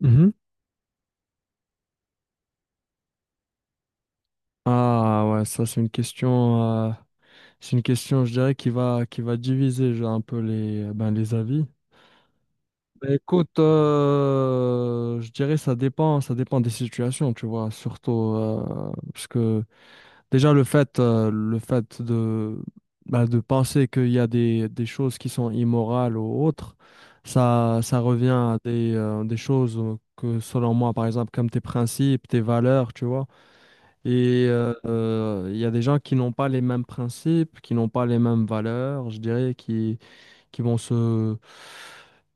Mhm. Ah ouais, ça c'est une question, je dirais, qui va diviser genre, un peu les, ben, les avis. Ben, écoute, je dirais ça dépend des situations, tu vois, surtout parce que déjà le fait de, ben, de penser qu'il y a des choses qui sont immorales ou autres, ça revient à des choses que selon moi, par exemple, comme tes principes, tes valeurs, tu vois. Il y a des gens qui n'ont pas les mêmes principes, qui n'ont pas les mêmes valeurs, je dirais, qui vont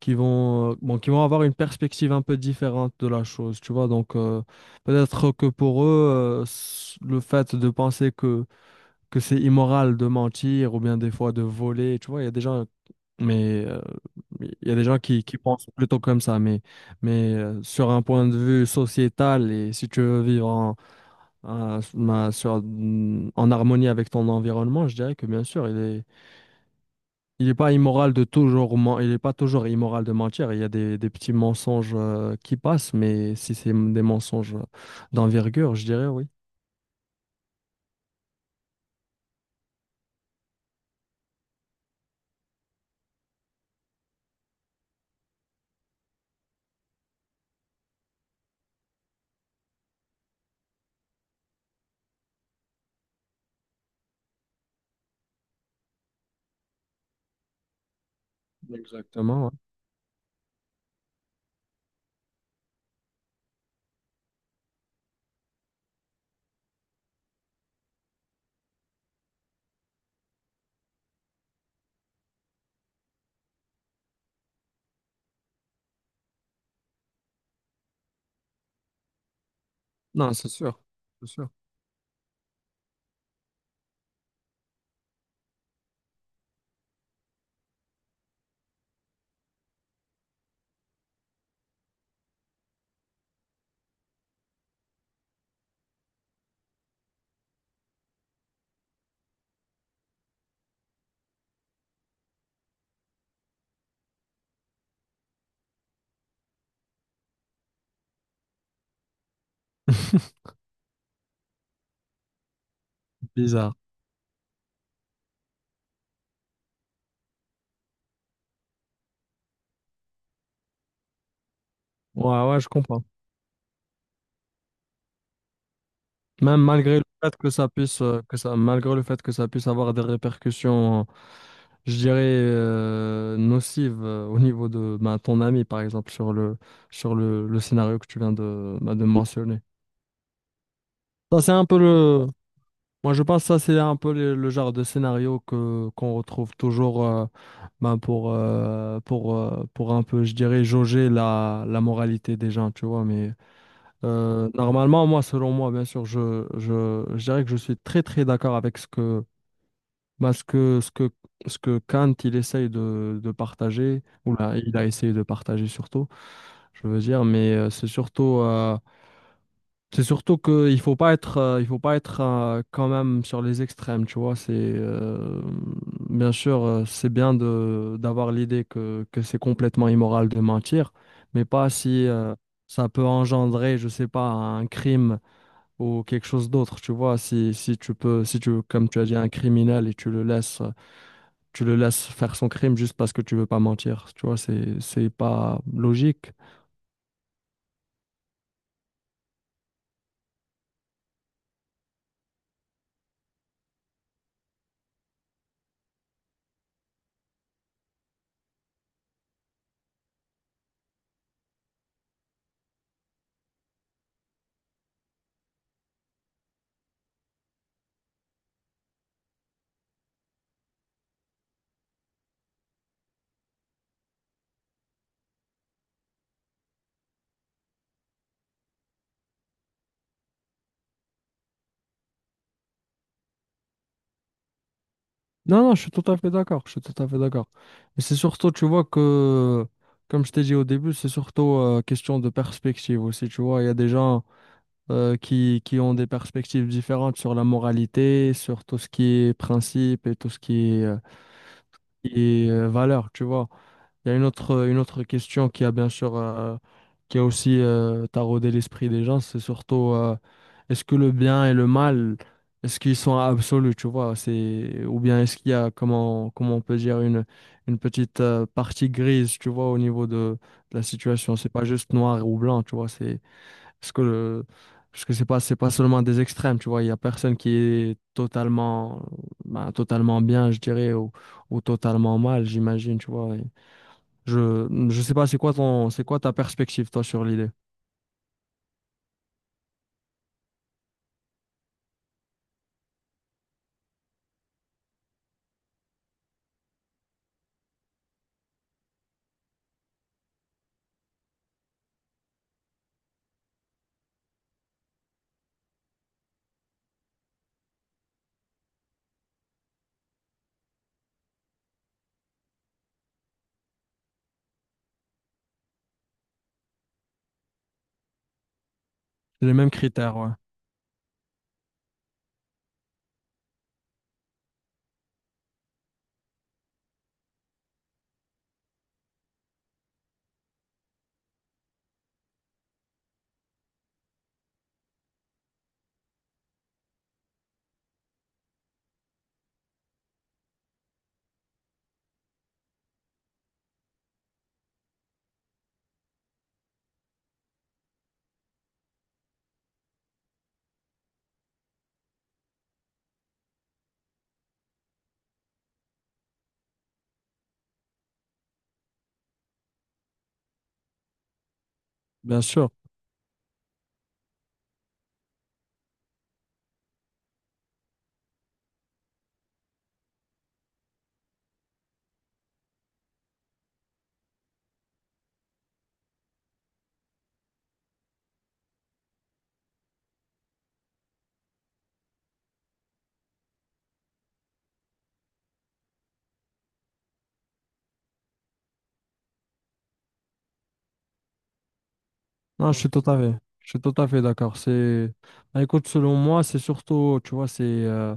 qui vont, bon, qui vont avoir une perspective un peu différente de la chose, tu vois. Donc, peut-être que pour eux, le fait de penser que c'est immoral de mentir ou bien des fois de voler, tu vois, il y a des gens, mais euh, il y a des gens qui pensent plutôt comme ça, mais, mais sur un point de vue sociétal et si tu veux vivre en à- ma- sur- en harmonie avec ton environnement, je dirais que bien sûr, il est pas immoral de toujours, il est pas toujours immoral de mentir. Il y a des petits mensonges qui passent, mais si c'est des mensonges d'envergure, je dirais oui. Exactement, ouais. Non, c'est sûr, c'est sûr. Bizarre. Ouais, ouais, je comprends. Même malgré le fait que ça puisse, malgré le fait que ça puisse avoir des répercussions, je dirais, nocives au niveau de ben, ton ami, par exemple, sur le, le scénario que tu viens de, ben, de mentionner. Ça, c'est un peu le. Moi, je pense que ça, c'est un peu le genre de scénario qu'on retrouve toujours ben, pour un peu, je dirais, jauger la, la moralité des gens, tu vois. Mais normalement, moi, selon moi, bien sûr, je dirais que je suis très, très d'accord avec ce que, bah, ce que Kant, il essaye de partager, ou là, il a essayé de partager surtout, je veux dire, mais c'est surtout qu'il faut pas être, il faut pas être quand même sur les extrêmes, tu vois, bien sûr, c'est bien de, d'avoir l'idée que c'est complètement immoral de mentir, mais pas si, ça peut engendrer, je sais pas, un crime ou quelque chose d'autre, tu vois, si, si tu peux, si tu, comme tu as dit, un criminel et tu le laisses faire son crime juste parce que tu veux pas mentir, tu vois, c'est pas logique. Non, non, je suis tout à fait d'accord, je suis tout à fait d'accord. Mais c'est surtout, tu vois, que, comme je t'ai dit au début, c'est surtout question de perspective aussi, tu vois, il y a des gens qui ont des perspectives différentes sur la moralité, sur tout ce qui est principe et tout ce qui est... et valeur, tu vois. Il y a une autre question qui a bien sûr, qui a aussi taraudé l'esprit des gens, c'est surtout est-ce que le bien et le mal, est-ce qu'ils sont absolus, tu vois, c'est, ou bien est-ce qu'il y a, comment, comment on peut dire, une petite partie grise, tu vois, au niveau de la situation. C'est pas juste noir ou blanc, tu vois, c'est parce que, euh, parce que c'est pas seulement des extrêmes, tu vois. Il y a personne qui est totalement, ben, totalement bien, je dirais, ou totalement mal, j'imagine, tu vois. Et je sais pas, c'est quoi ton, c'est quoi ta perspective, toi, sur l'idée? Les mêmes critères, ouais. Bien sûr. Non, je suis tout à fait, je suis tout à fait d'accord. C'est, ben, écoute, selon moi, c'est surtout, tu vois,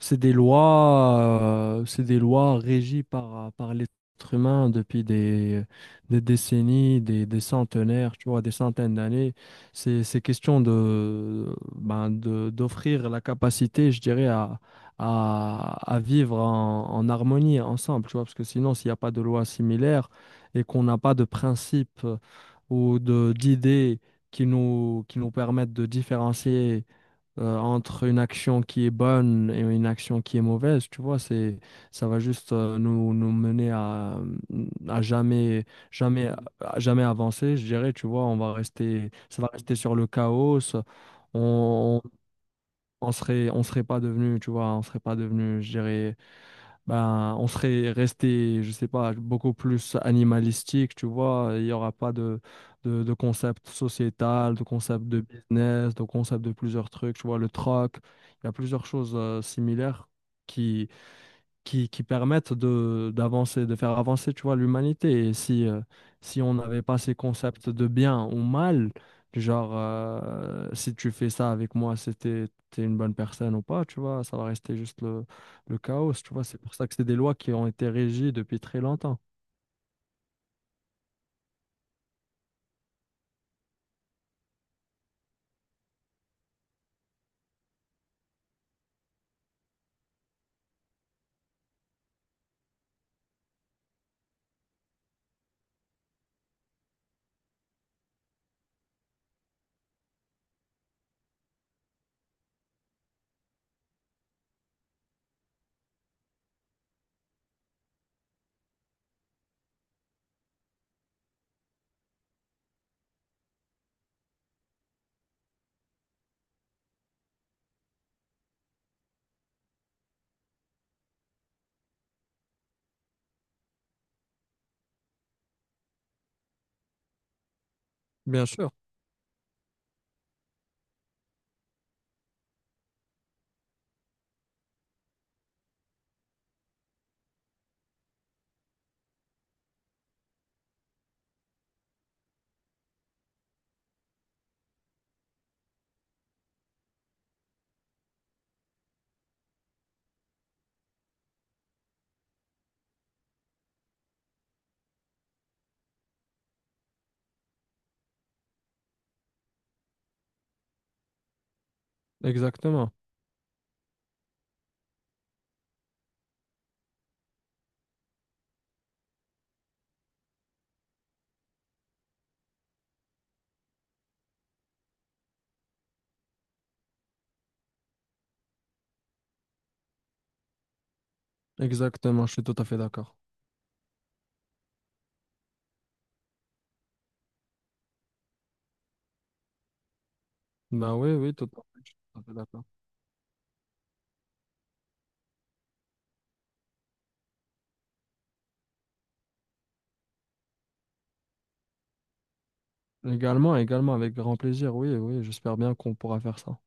c'est des lois, c'est des lois régies par, par l'être humain des décennies, des centenaires, tu vois, des centaines d'années. C'est question de, ben, de, d'offrir la capacité, je dirais, à vivre en, en harmonie ensemble, tu vois, parce que sinon, s'il n'y a pas de loi similaire et qu'on n'a pas de principes ou de, d'idées qui nous permettent de différencier entre une action qui est bonne et une action qui est mauvaise, tu vois, c'est, ça va juste nous, nous mener à, à jamais, jamais, à jamais avancer, je dirais, tu vois, on va rester, ça va rester sur le chaos, ça- on, on, on serait pas devenu, tu vois, on serait pas devenu, je dirais, ben, on serait resté, je sais pas, beaucoup plus animalistique, tu vois. Il n'y aura pas de, de concept sociétal, de concept de business, de concept de plusieurs trucs, tu vois, le troc. Il y a plusieurs choses similaires qui permettent de d'avancer, de faire avancer, tu vois, l'humanité. Et si, si on n'avait pas ces concepts de bien ou mal, du genre, si tu fais ça avec moi, c'était t'es une bonne personne ou pas, tu vois, ça va rester juste le chaos, tu vois. C'est pour ça que c'est des lois qui ont été régies depuis très longtemps. Bien sûr, exactement. Exactement, je suis tout à fait d'accord. Ben oui, oui, tout à fait, je suis tout à fait d'accord. Également, également, avec grand plaisir, oui, oui, j'espère bien qu'on pourra faire ça.